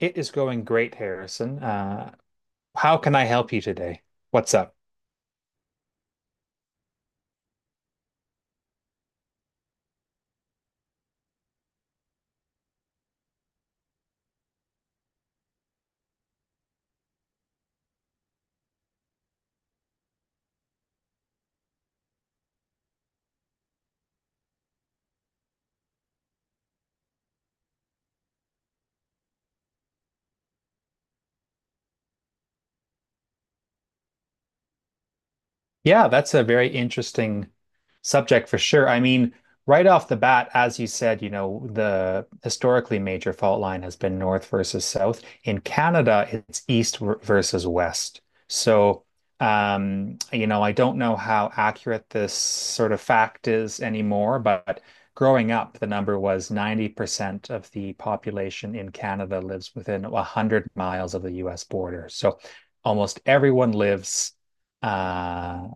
It is going great, Harrison. How can I help you today? What's up? Yeah, that's a very interesting subject for sure. I mean, right off the bat, as you said, you know, the historically major fault line has been north versus south. In Canada, it's versus west. So, you know, I don't know how accurate this sort of fact is anymore, but growing up, the number was 90% of the population in Canada lives within 100 miles of the US border. So almost everyone lives uh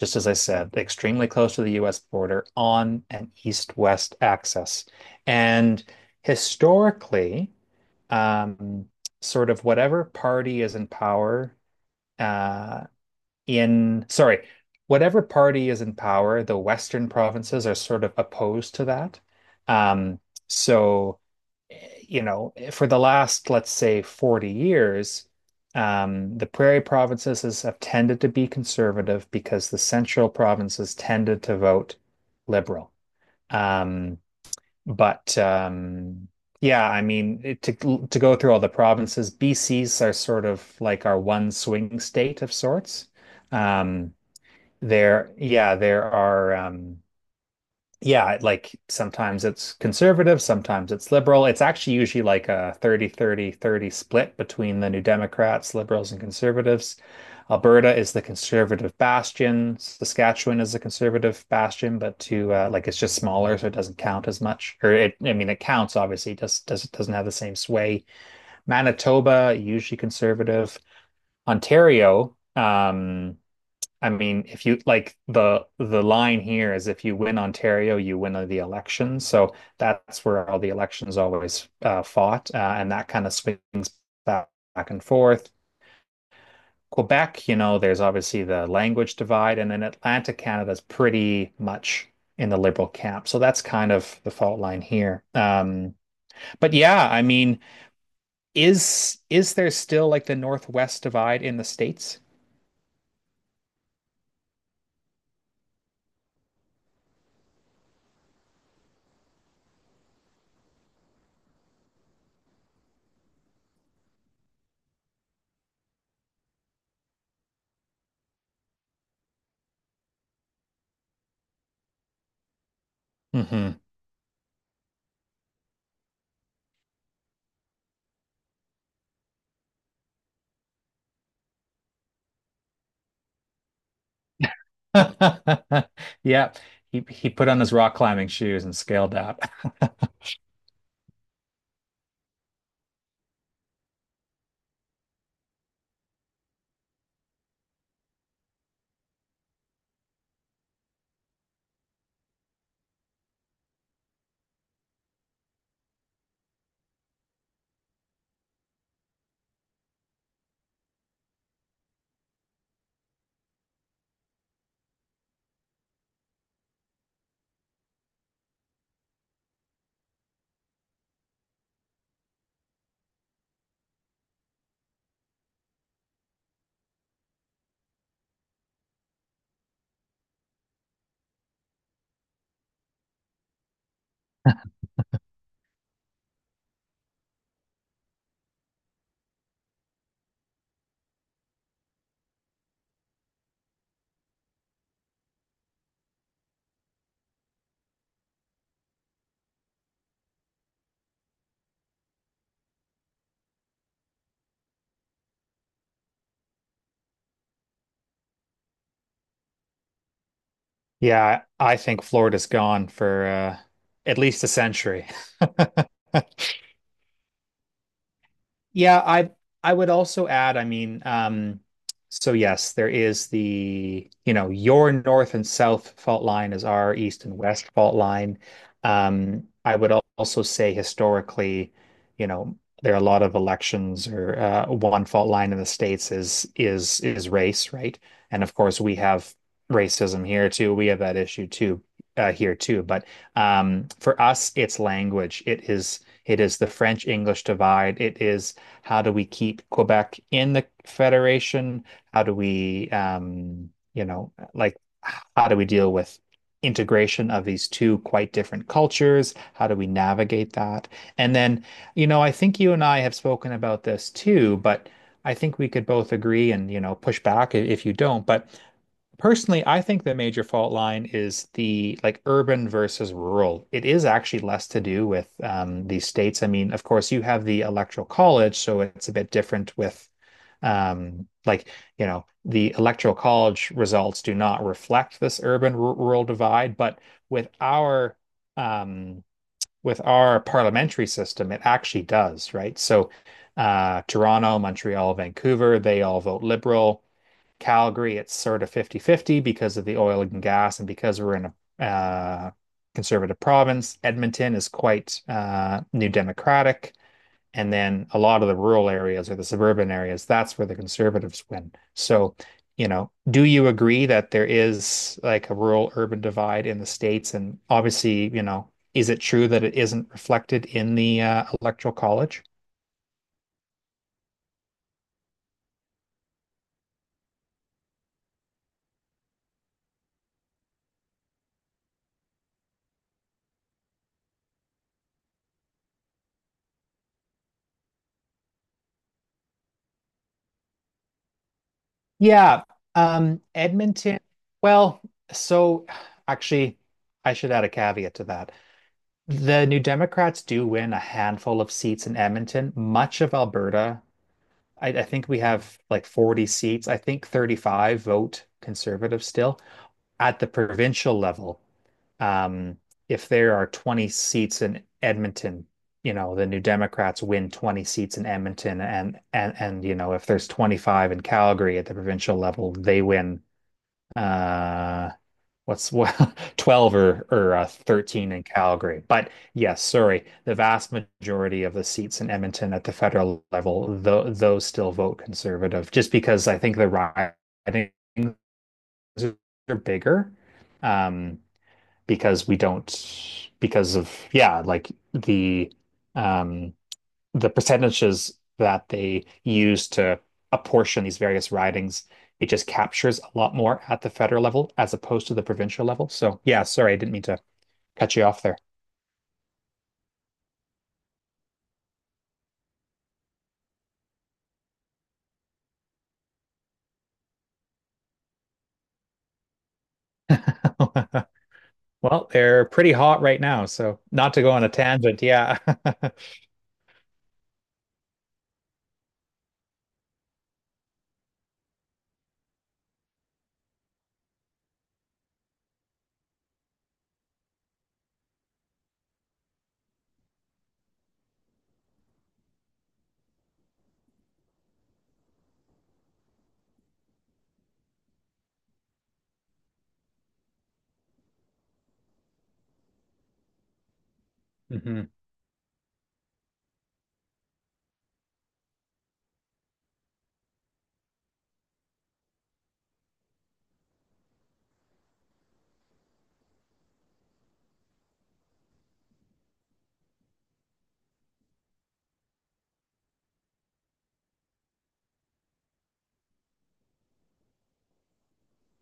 just as I said, extremely close to the US border on an east-west axis. And historically, um, sort of whatever party is in power uh, in, sorry, whatever party is in power, the Western provinces are sort of opposed to that. Um, so, you know, for the last, let's say, 40 years, the have tended to be conservative because the central provinces tended to vote liberal. Um, but yeah, I mean, to go through all the provinces, BC's are sort of like our one swing state of sorts. Um, there, yeah, there are. Yeah, like sometimes it's conservative, sometimes it's liberal. It's actually usually like a 30, 30, 30 split between the New Democrats, liberals, and conservatives. Alberta is the conservative bastion. Saskatchewan is the conservative bastion, but to like it's just smaller, so it doesn't count as much. I mean, it counts obviously, it just doesn't have the same sway. Manitoba usually conservative. Ontario, I mean, if you like the line here is if you win Ontario, you win the election. So that's where all the elections always fought, and that kind of swings back and forth. Quebec, you know, there's obviously the language divide, and then Atlantic Canada is pretty much in the liberal camp. So that's kind of the fault line here. But yeah, I mean, is there still like the Northwest divide in the states? Mm-hmm. Yeah, he put on his rock climbing shoes and scaled out. Yeah, I think Florida's gone for at least a century. Yeah, I would also add, I mean, so yes, there is you know, your north and south fault line is our east and west fault line. I would also say historically, you know, there are a lot of elections or one fault line in the States is race, right? And of course we have racism here too. We have that issue too here too. But for us, it's language. It is the French English divide. It is how do we keep Quebec in the Federation? How do we, you know, like, how do we deal with integration of these two quite different cultures? How do we navigate that? And then, you know, I think you and I have spoken about this too, but I think we could both agree and, you know, push back if you don't, but personally, I think the major fault line is the like urban versus rural. It is actually less to do with these states. I mean, of course, you have the electoral college, so it's a bit different with um, like, you know, the electoral college results do not reflect this urban rural divide, but with our um, with our parliamentary system, it actually does, right? So Toronto, Montreal, Vancouver, they all vote liberal. Calgary, it's sort of 50-50 because of the oil and gas and because we're in a conservative province. Edmonton is quite New Democratic. And then a lot of the rural areas or the suburban areas, that's where the conservatives win. So, you know, do you agree that there is like a rural urban divide in the states? And obviously, you know, is it true that it isn't reflected in the electoral college? Yeah, Edmonton. Well, so actually, I should add a caveat to that. The New Democrats do win a handful of seats in Edmonton, much of Alberta. I think we have like 40 seats. I think 35 vote conservative still. At the provincial level, um, if there are 20 seats in Edmonton, you know, the New Democrats win 20 seats in Edmonton and you know, if there's 25 in Calgary at the provincial level, they win uh what's well 12 or 13 in Calgary. But yes, sorry, the vast majority of the seats in Edmonton at the federal level, though those still vote conservative, just because I think the ridings are bigger. Um, because we don't because of yeah, like um the percentages that they use to apportion these various ridings, it just captures a lot more at the federal level as opposed to the provincial level. So, yeah, sorry, I didn't mean to cut you off there. Well, they're pretty hot right now, so not to go on a tangent, yeah. Mhm.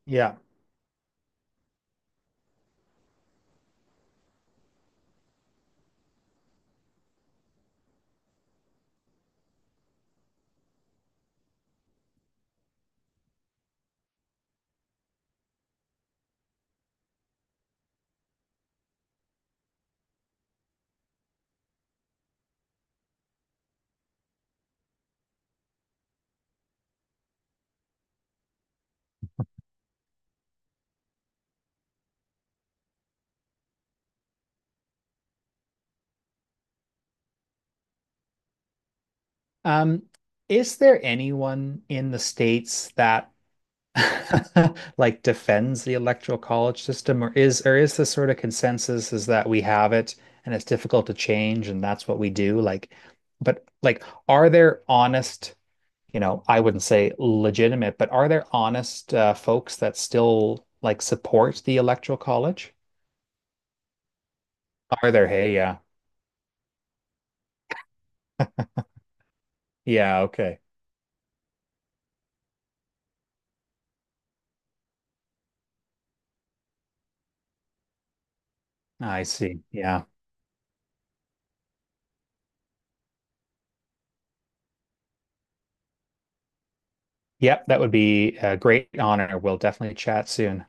Yeah. Um, is there anyone in the States that like defends the electoral college system, or is the sort of consensus is that we have it and it's difficult to change and that's what we do? But like, are there honest, you know, I wouldn't say legitimate, but are there honest folks that still like support the electoral college? Are there? Hey, yeah, yeah, okay, I see, yeah, yep. That would be a great honor. We'll definitely chat soon.